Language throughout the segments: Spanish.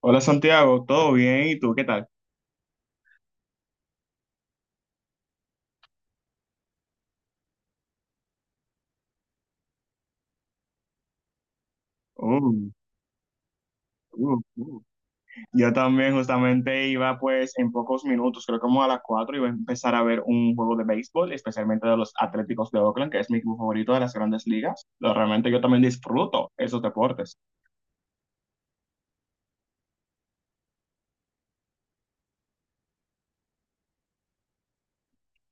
Hola Santiago, ¿todo bien? ¿Y tú qué tal? Uh, uh, uh. Yo también justamente iba pues en pocos minutos, creo como a las 4 iba a empezar a ver un juego de béisbol, especialmente de los Atléticos de Oakland, que es mi equipo favorito de las grandes ligas. Realmente yo también disfruto esos deportes.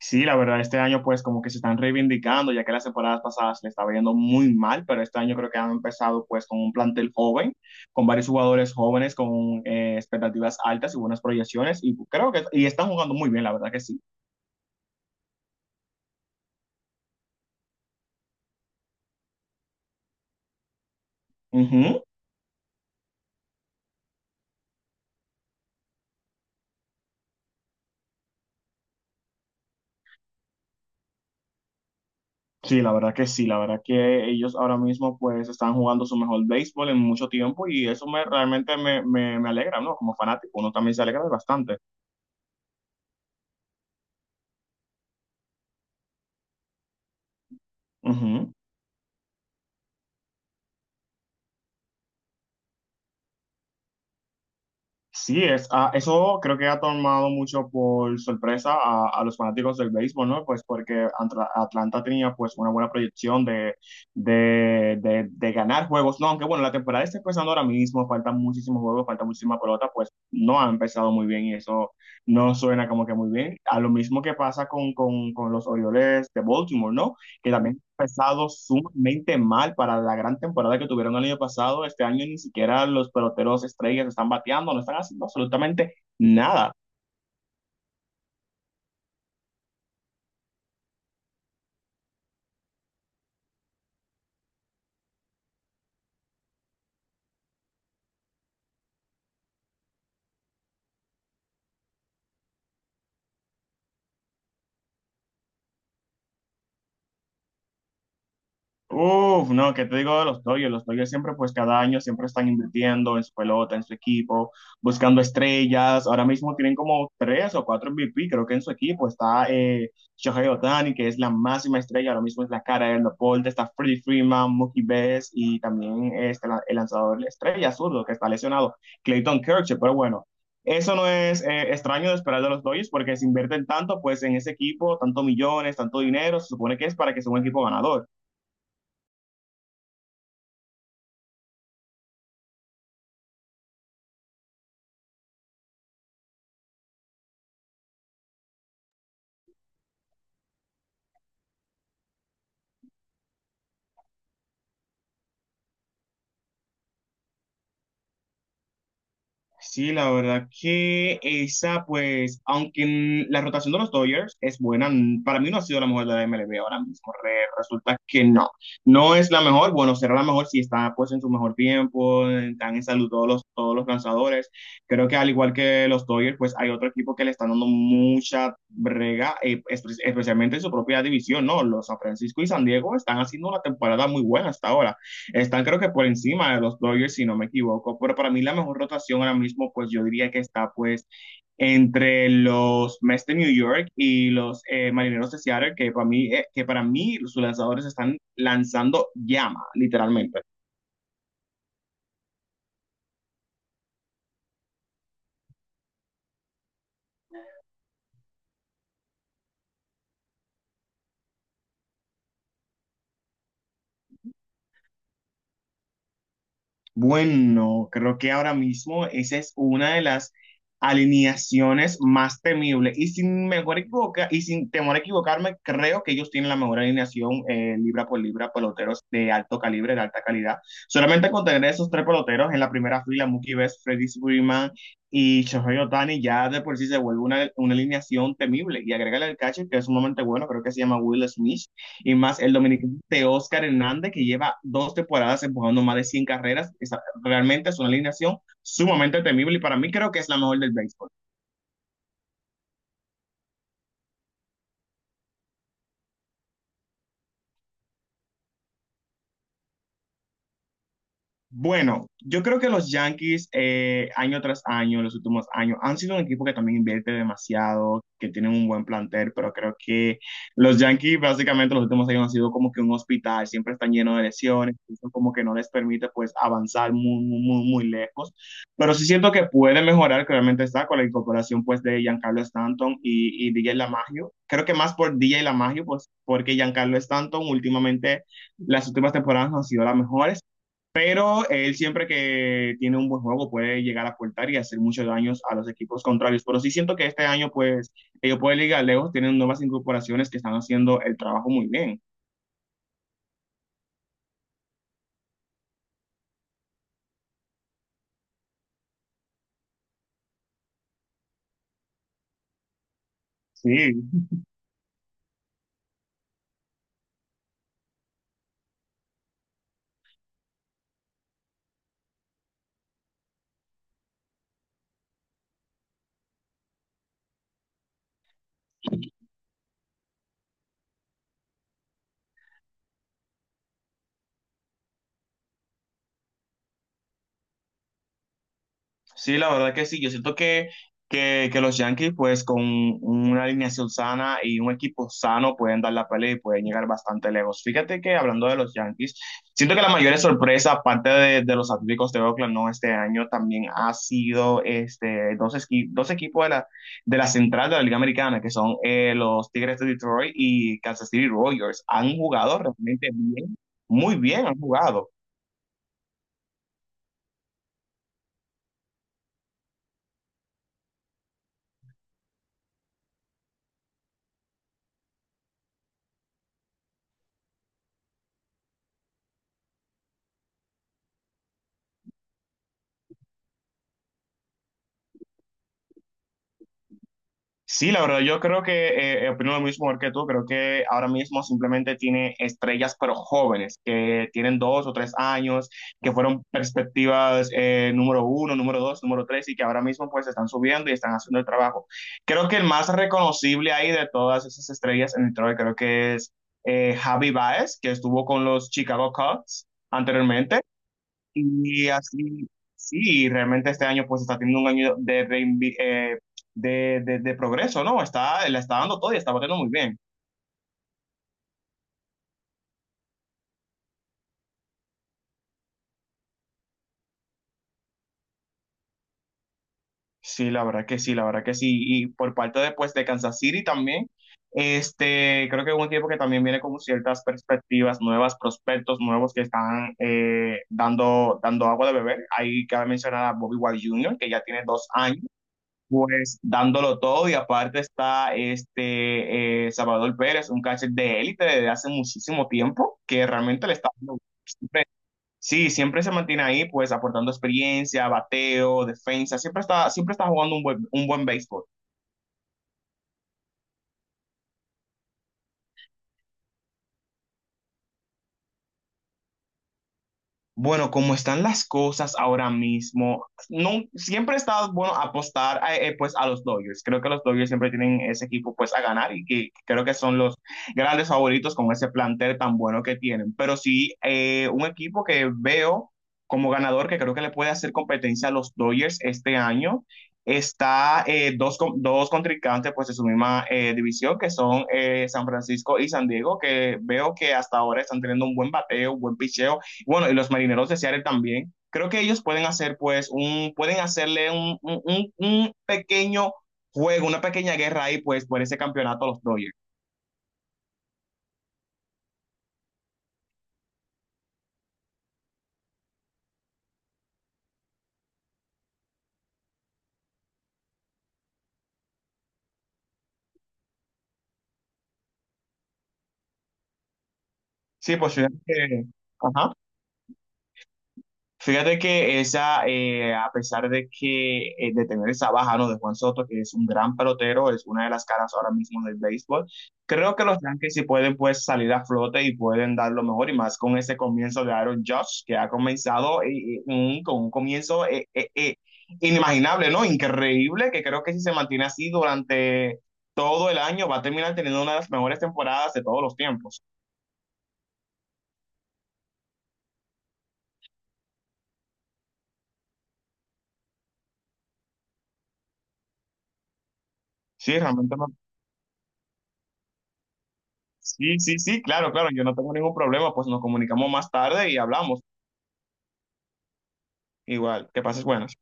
Sí, la verdad, este año pues como que se están reivindicando, ya que las temporadas pasadas le estaba yendo muy mal, pero este año creo que han empezado pues con un plantel joven, con varios jugadores jóvenes, con expectativas altas y buenas proyecciones, y creo que y están jugando muy bien, la verdad que sí. Ujú. Sí, la verdad que sí, la verdad que ellos ahora mismo pues están jugando su mejor béisbol en mucho tiempo y eso me realmente me alegra, ¿no? Como fanático, uno también se alegra bastante. Ujú. Sí, es, eso creo que ha tomado mucho por sorpresa a los fanáticos del béisbol, ¿no? Pues porque Atlanta tenía pues una buena proyección de ganar juegos, ¿no? Aunque bueno, la temporada está empezando ahora mismo, faltan muchísimos juegos, falta muchísima pelota, pues no ha empezado muy bien y eso no suena como que muy bien. A lo mismo que pasa con los Orioles de Baltimore, ¿no? Que también empezado sumamente mal para la gran temporada que tuvieron el año pasado. Este año ni siquiera los peloteros estrellas están bateando, no están haciendo absolutamente nada. Uf, no, ¿qué te digo de los Dodgers? Los Dodgers siempre, pues cada año siempre están invirtiendo en su pelota, en su equipo, buscando estrellas. Ahora mismo tienen como tres o cuatro MVP, creo que en su equipo. Está Shohei Ohtani, que es la máxima estrella, ahora mismo es la cara del deporte. Está Freddie Freeman, Mookie Betts y también este, el lanzador estrella zurdo que está lesionado, Clayton Kershaw. Pero bueno, eso no es extraño de esperar de los Dodgers porque se invierten tanto pues en ese equipo, tanto millones, tanto dinero. Se supone que es para que sea un equipo ganador. Sí, la verdad que esa, pues, aunque la rotación de los Dodgers es buena, para mí no ha sido la mejor de la MLB ahora mismo. Resulta que no. No es la mejor, bueno, será la mejor si está, pues, en su mejor tiempo, están en salud todos los lanzadores. Creo que al igual que los Dodgers, pues, hay otro equipo que le están dando mucha brega, especialmente en su propia división, ¿no? Los San Francisco y San Diego están haciendo una temporada muy buena hasta ahora. Están creo que por encima de los Dodgers, si no me equivoco, pero para mí la mejor rotación ahora mismo, pues yo diría que está pues entre los Mets de New York y los Marineros de Seattle, que para mí, que para mí sus lanzadores están lanzando llama, literalmente. Bueno, creo que ahora mismo esa es una de las alineaciones más temibles. Y sin temor a equivocarme, creo que ellos tienen la mejor alineación libra por libra, peloteros de alto calibre, de alta calidad. Solamente con tener esos tres peloteros en la primera fila, Mookie Betts, Freddie Freeman y Shohei Ohtani, ya de por sí se vuelve una alineación temible. Y agrégale el catcher, que es sumamente bueno, creo que se llama Will Smith y más el dominicano de Oscar Hernández, que lleva 2 temporadas empujando más de 100 carreras. Esa, realmente es una alineación sumamente temible y para mí creo que es la mejor del béisbol. Bueno, yo creo que los Yankees año tras año, en los últimos años, han sido un equipo que también invierte demasiado, que tienen un buen plantel, pero creo que los Yankees básicamente los últimos años han sido como que un hospital, siempre están llenos de lesiones, eso como que no les permite pues avanzar muy, muy, muy, muy lejos, pero sí siento que puede mejorar, claramente está con la incorporación pues de Giancarlo Stanton y DJ LaMagio, creo que más por DJ LaMagio, pues porque Giancarlo Stanton últimamente, las últimas temporadas no han sido las mejores. Pero él siempre que tiene un buen juego puede llegar a aportar y hacer muchos daños a los equipos contrarios. Pero sí siento que este año, pues, ellos pueden llegar lejos, tienen nuevas incorporaciones que están haciendo el trabajo muy bien. Sí. Sí, la verdad que sí. Yo siento que los Yankees, pues con una alineación sana y un equipo sano, pueden dar la pelea y pueden llegar bastante lejos. Fíjate que hablando de los Yankees, siento que la mayor sorpresa, aparte de los Atléticos de Oakland, no este año, también ha sido este, dos equipos de la central de la Liga Americana, que son los Tigres de Detroit y Kansas City Royals. Han jugado realmente bien, muy bien han jugado. Sí, la verdad, yo creo que opino lo mismo igual que tú. Creo que ahora mismo simplemente tiene estrellas, pero jóvenes, que tienen 2 o 3 años, que fueron perspectivas número uno, número dos, número tres, y que ahora mismo pues están subiendo y están haciendo el trabajo. Creo que el más reconocible ahí de todas esas estrellas en el Detroit, creo que es Javi Baez, que estuvo con los Chicago Cubs anteriormente. Y así, sí, realmente este año pues está teniendo un año de, reinvi- de progreso, ¿no? Está, la está dando todo y está batiendo muy bien. Sí, la verdad que sí, la verdad que sí. Y por parte de, pues, de Kansas City también, este, creo que es un equipo que también viene con ciertas perspectivas nuevas, prospectos nuevos que están dando agua de beber. Ahí cabe mencionar a Bobby Wild Jr., que ya tiene 2 años pues dándolo todo y aparte está este Salvador Pérez, un catcher de élite desde hace muchísimo tiempo que realmente le está dando. Sí, siempre se mantiene ahí pues aportando experiencia, bateo, defensa, siempre está jugando un buen béisbol. Bueno, como están las cosas ahora mismo, no, siempre está bueno apostar a, pues a los Dodgers. Creo que los Dodgers siempre tienen ese equipo pues a ganar y que creo que son los grandes favoritos con ese plantel tan bueno que tienen. Pero sí, un equipo que veo como ganador que creo que le puede hacer competencia a los Dodgers este año. Está dos contrincantes pues de su misma división que son San Francisco y San Diego, que veo que hasta ahora están teniendo un buen bateo, un buen picheo bueno, y los marineros de Seattle también. Creo que ellos pueden hacer, pues, pueden hacerle un pequeño juego, una pequeña guerra ahí, pues, por ese campeonato a los Dodgers. Sí, pues, ajá. Fíjate que esa, a pesar de que de tener esa baja, ¿no? De Juan Soto, que es un gran pelotero, es una de las caras ahora mismo del béisbol, creo que los Yankees sí pueden pues salir a flote y pueden dar lo mejor y más con ese comienzo de Aaron Judge, que ha comenzado con un comienzo inimaginable, ¿no? Increíble, que creo que si se mantiene así durante todo el año va a terminar teniendo una de las mejores temporadas de todos los tiempos. Sí, realmente Sí, sí, sí, claro, claro, yo no tengo ningún problema, pues nos comunicamos más tarde y hablamos. Igual, que pases buenas.